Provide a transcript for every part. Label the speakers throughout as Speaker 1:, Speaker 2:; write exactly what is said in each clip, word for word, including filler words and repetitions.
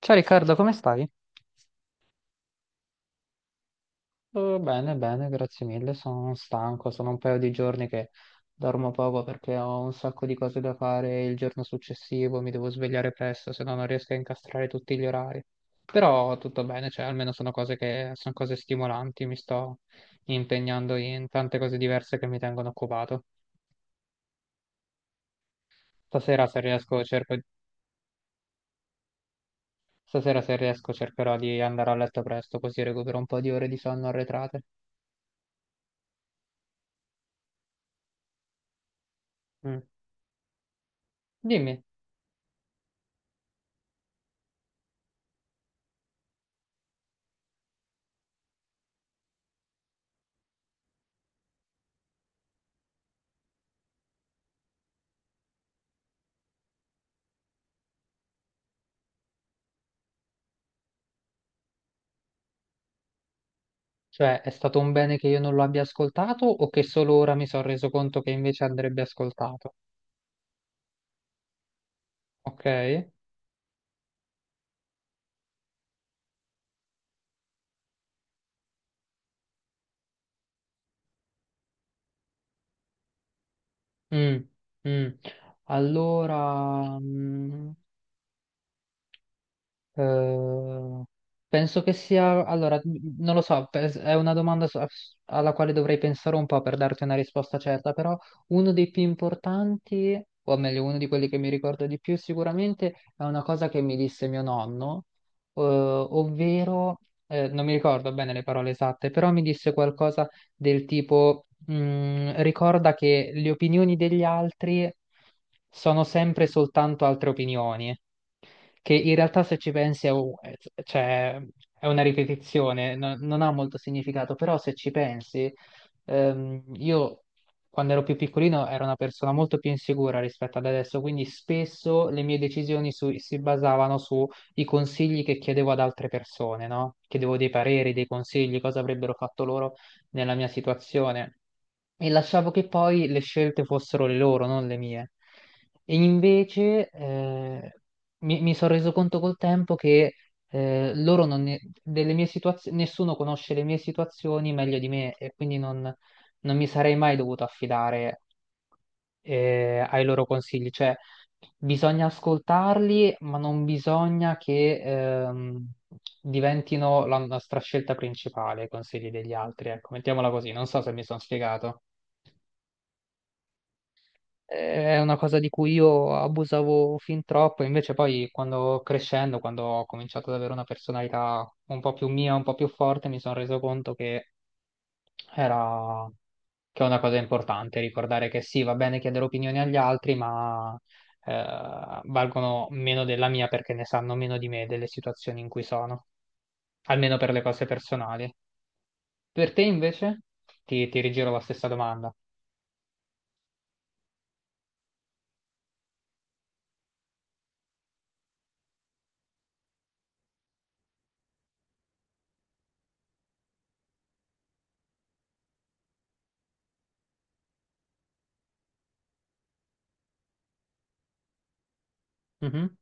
Speaker 1: Ciao Riccardo, come stai? Eh, bene, bene, grazie mille. Sono stanco, sono un paio di giorni che dormo poco perché ho un sacco di cose da fare il giorno successivo, mi devo svegliare presto, se no non riesco a incastrare tutti gli orari. Però tutto bene, cioè almeno sono cose che sono cose stimolanti, mi sto impegnando in tante cose diverse che mi tengono occupato. Stasera se riesco, cerco- stasera, se riesco cercherò di andare a letto presto, così recupero un po' di ore di sonno arretrate. Mm. Dimmi. Cioè, è stato un bene che io non lo abbia ascoltato o che solo ora mi sono reso conto che invece andrebbe ascoltato? Ok? Mm, mm. Allora, mm, Eh, penso che sia, allora, n- non lo so, pes- è una domanda so- alla quale dovrei pensare un po' per darti una risposta certa, però uno dei più importanti, o meglio, uno di quelli che mi ricordo di più sicuramente, è una cosa che mi disse mio nonno, eh, ovvero, eh, non mi ricordo bene le parole esatte, però mi disse qualcosa del tipo, mm, ricorda che le opinioni degli altri sono sempre soltanto altre opinioni che in realtà se ci pensi è, u- eh, cioè, è una ripetizione, no- non ha molto significato, però se ci pensi, ehm, io quando ero più piccolino ero una persona molto più insicura rispetto ad adesso, quindi spesso le mie decisioni su- si basavano sui consigli che chiedevo ad altre persone, no? Chiedevo dei pareri, dei consigli, cosa avrebbero fatto loro nella mia situazione e lasciavo che poi le scelte fossero le loro, non le mie. E invece eh, mi, mi sono reso conto col tempo che eh, loro non ne- delle mie situazioni, nessuno conosce le mie situazioni meglio di me e quindi non, non mi sarei mai dovuto affidare eh, ai loro consigli. Cioè, bisogna ascoltarli, ma non bisogna che ehm, diventino la nostra scelta principale, i consigli degli altri. Ecco, mettiamola così, non so se mi sono spiegato. È una cosa di cui io abusavo fin troppo, invece poi quando crescendo, quando ho cominciato ad avere una personalità un po' più mia, un po' più forte, mi sono reso conto che era che è una cosa importante, ricordare che sì, va bene chiedere opinioni agli altri, ma eh, valgono meno della mia perché ne sanno meno di me delle situazioni in cui sono, almeno per le cose personali. Per te invece? Ti, ti rigiro la stessa domanda. Mhm.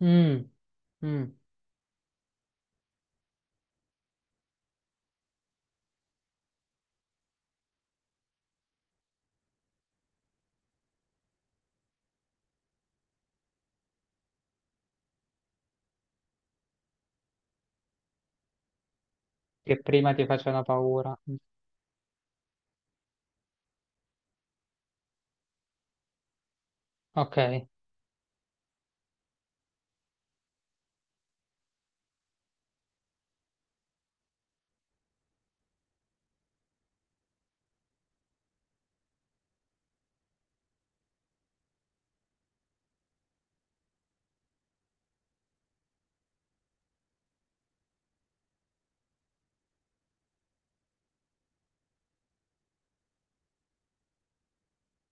Speaker 1: Mm. Mm. Che prima ti facevano paura. Ok,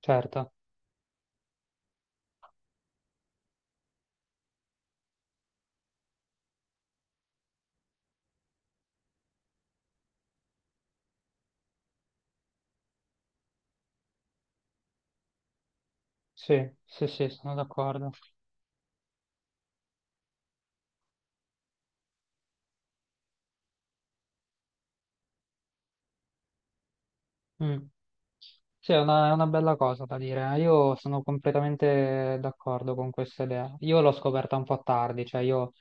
Speaker 1: certo. Sì, sì, sì, sono d'accordo. Mm. Sì, è una, è una bella cosa da dire. Eh. Io sono completamente d'accordo con questa idea. Io l'ho scoperta un po' tardi, cioè io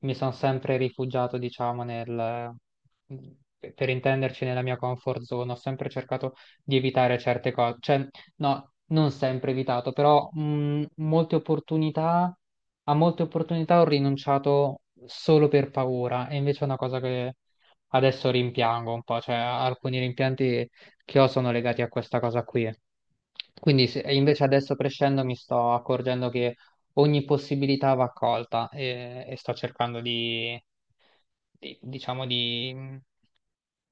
Speaker 1: mi sono sempre rifugiato, diciamo, nel, mhmm, per intenderci, nella mia comfort zone. Ho sempre cercato di evitare certe cose. Cioè, no, non sempre evitato, però mh, molte opportunità, a molte opportunità ho rinunciato solo per paura. E invece è una cosa che adesso rimpiango un po', cioè alcuni rimpianti che ho sono legati a questa cosa qui. Quindi se- e invece adesso crescendo mi sto accorgendo che ogni possibilità va accolta e, e sto cercando di, di- diciamo, di mh,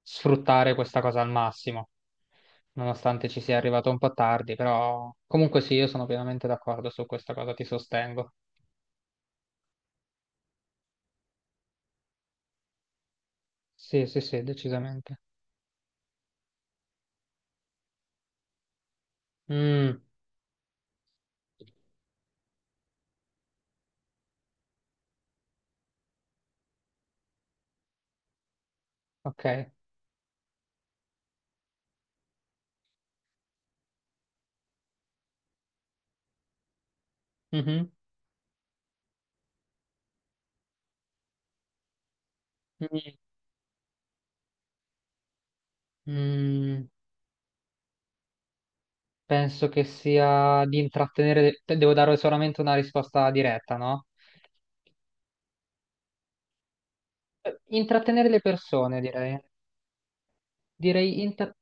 Speaker 1: sfruttare questa cosa al massimo, nonostante ci sia arrivato un po' tardi, però comunque sì, io sono pienamente d'accordo su questa cosa, ti sostengo. Sì, sì, sì, decisamente. Mm, ok. Mhm. Mm, mm. Penso che sia di intrattenere, le- te- devo dare solamente una risposta diretta, no? Eh, intrattenere le persone, direi. Direi inter...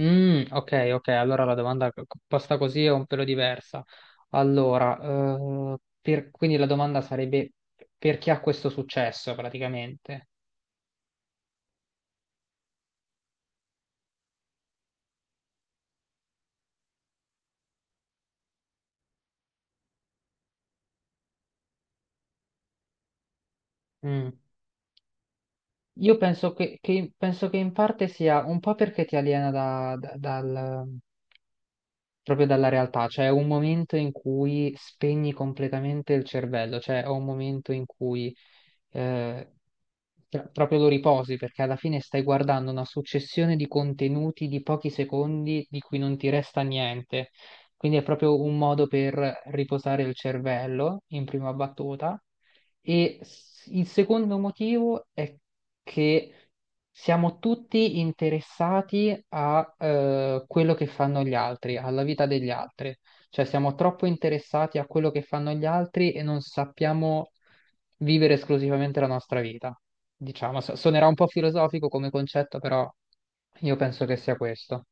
Speaker 1: Mm, ok, ok, allora la domanda co- posta così è un pelo diversa. Allora, eh, per- quindi la domanda sarebbe per chi ha questo successo praticamente. Mm. Io penso che, che- penso che in parte sia un po' perché ti aliena da- da- dal, proprio dalla realtà, cioè è un momento in cui spegni completamente il cervello, cioè è un momento in cui eh, cioè, proprio lo riposi perché alla fine stai guardando una successione di contenuti di pochi secondi di cui non ti resta niente. Quindi è proprio un modo per riposare il cervello in prima battuta. E s- il secondo motivo è che siamo tutti interessati a eh, quello che fanno gli altri, alla vita degli altri. Cioè siamo troppo interessati a quello che fanno gli altri e non sappiamo vivere esclusivamente la nostra vita. Diciamo, So- suonerà un po' filosofico come concetto, però io penso che sia questo.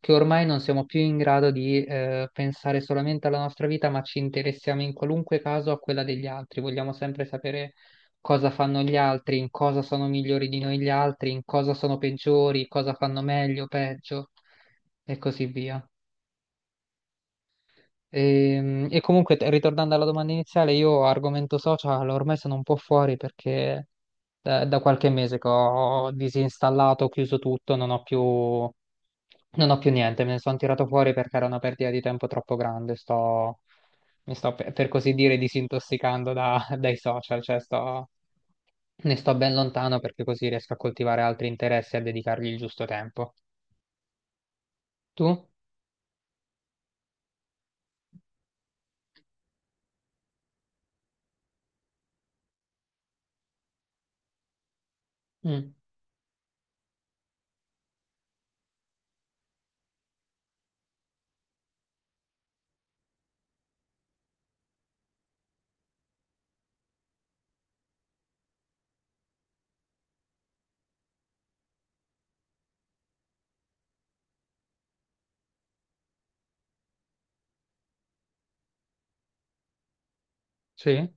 Speaker 1: Che ormai non siamo più in grado di eh, pensare solamente alla nostra vita, ma ci interessiamo in qualunque caso a quella degli altri. Vogliamo sempre sapere cosa fanno gli altri, in cosa sono migliori di noi gli altri, in cosa sono peggiori, cosa fanno meglio, peggio e così via. E, e comunque, t- ritornando alla domanda iniziale, io argomento social ormai sono un po' fuori perché da, da qualche mese che ho disinstallato, ho chiuso tutto, non ho più, non ho più niente, me ne sono tirato fuori perché era una perdita di tempo troppo grande. Sto, mi sto per, per così dire disintossicando da- dai social, cioè sto, ne sto ben lontano perché così riesco a coltivare altri interessi e a dedicargli il giusto tempo. Tu? Mm. Sì?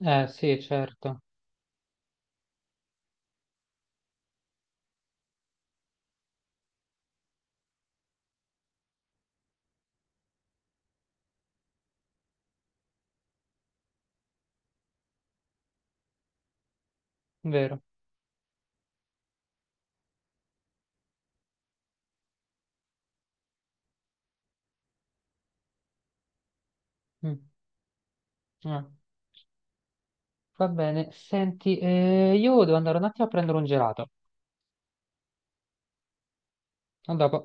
Speaker 1: Eh sì, certo, vero. Mm. Ah, va bene, senti, eh, io devo andare un attimo a prendere un gelato. A dopo.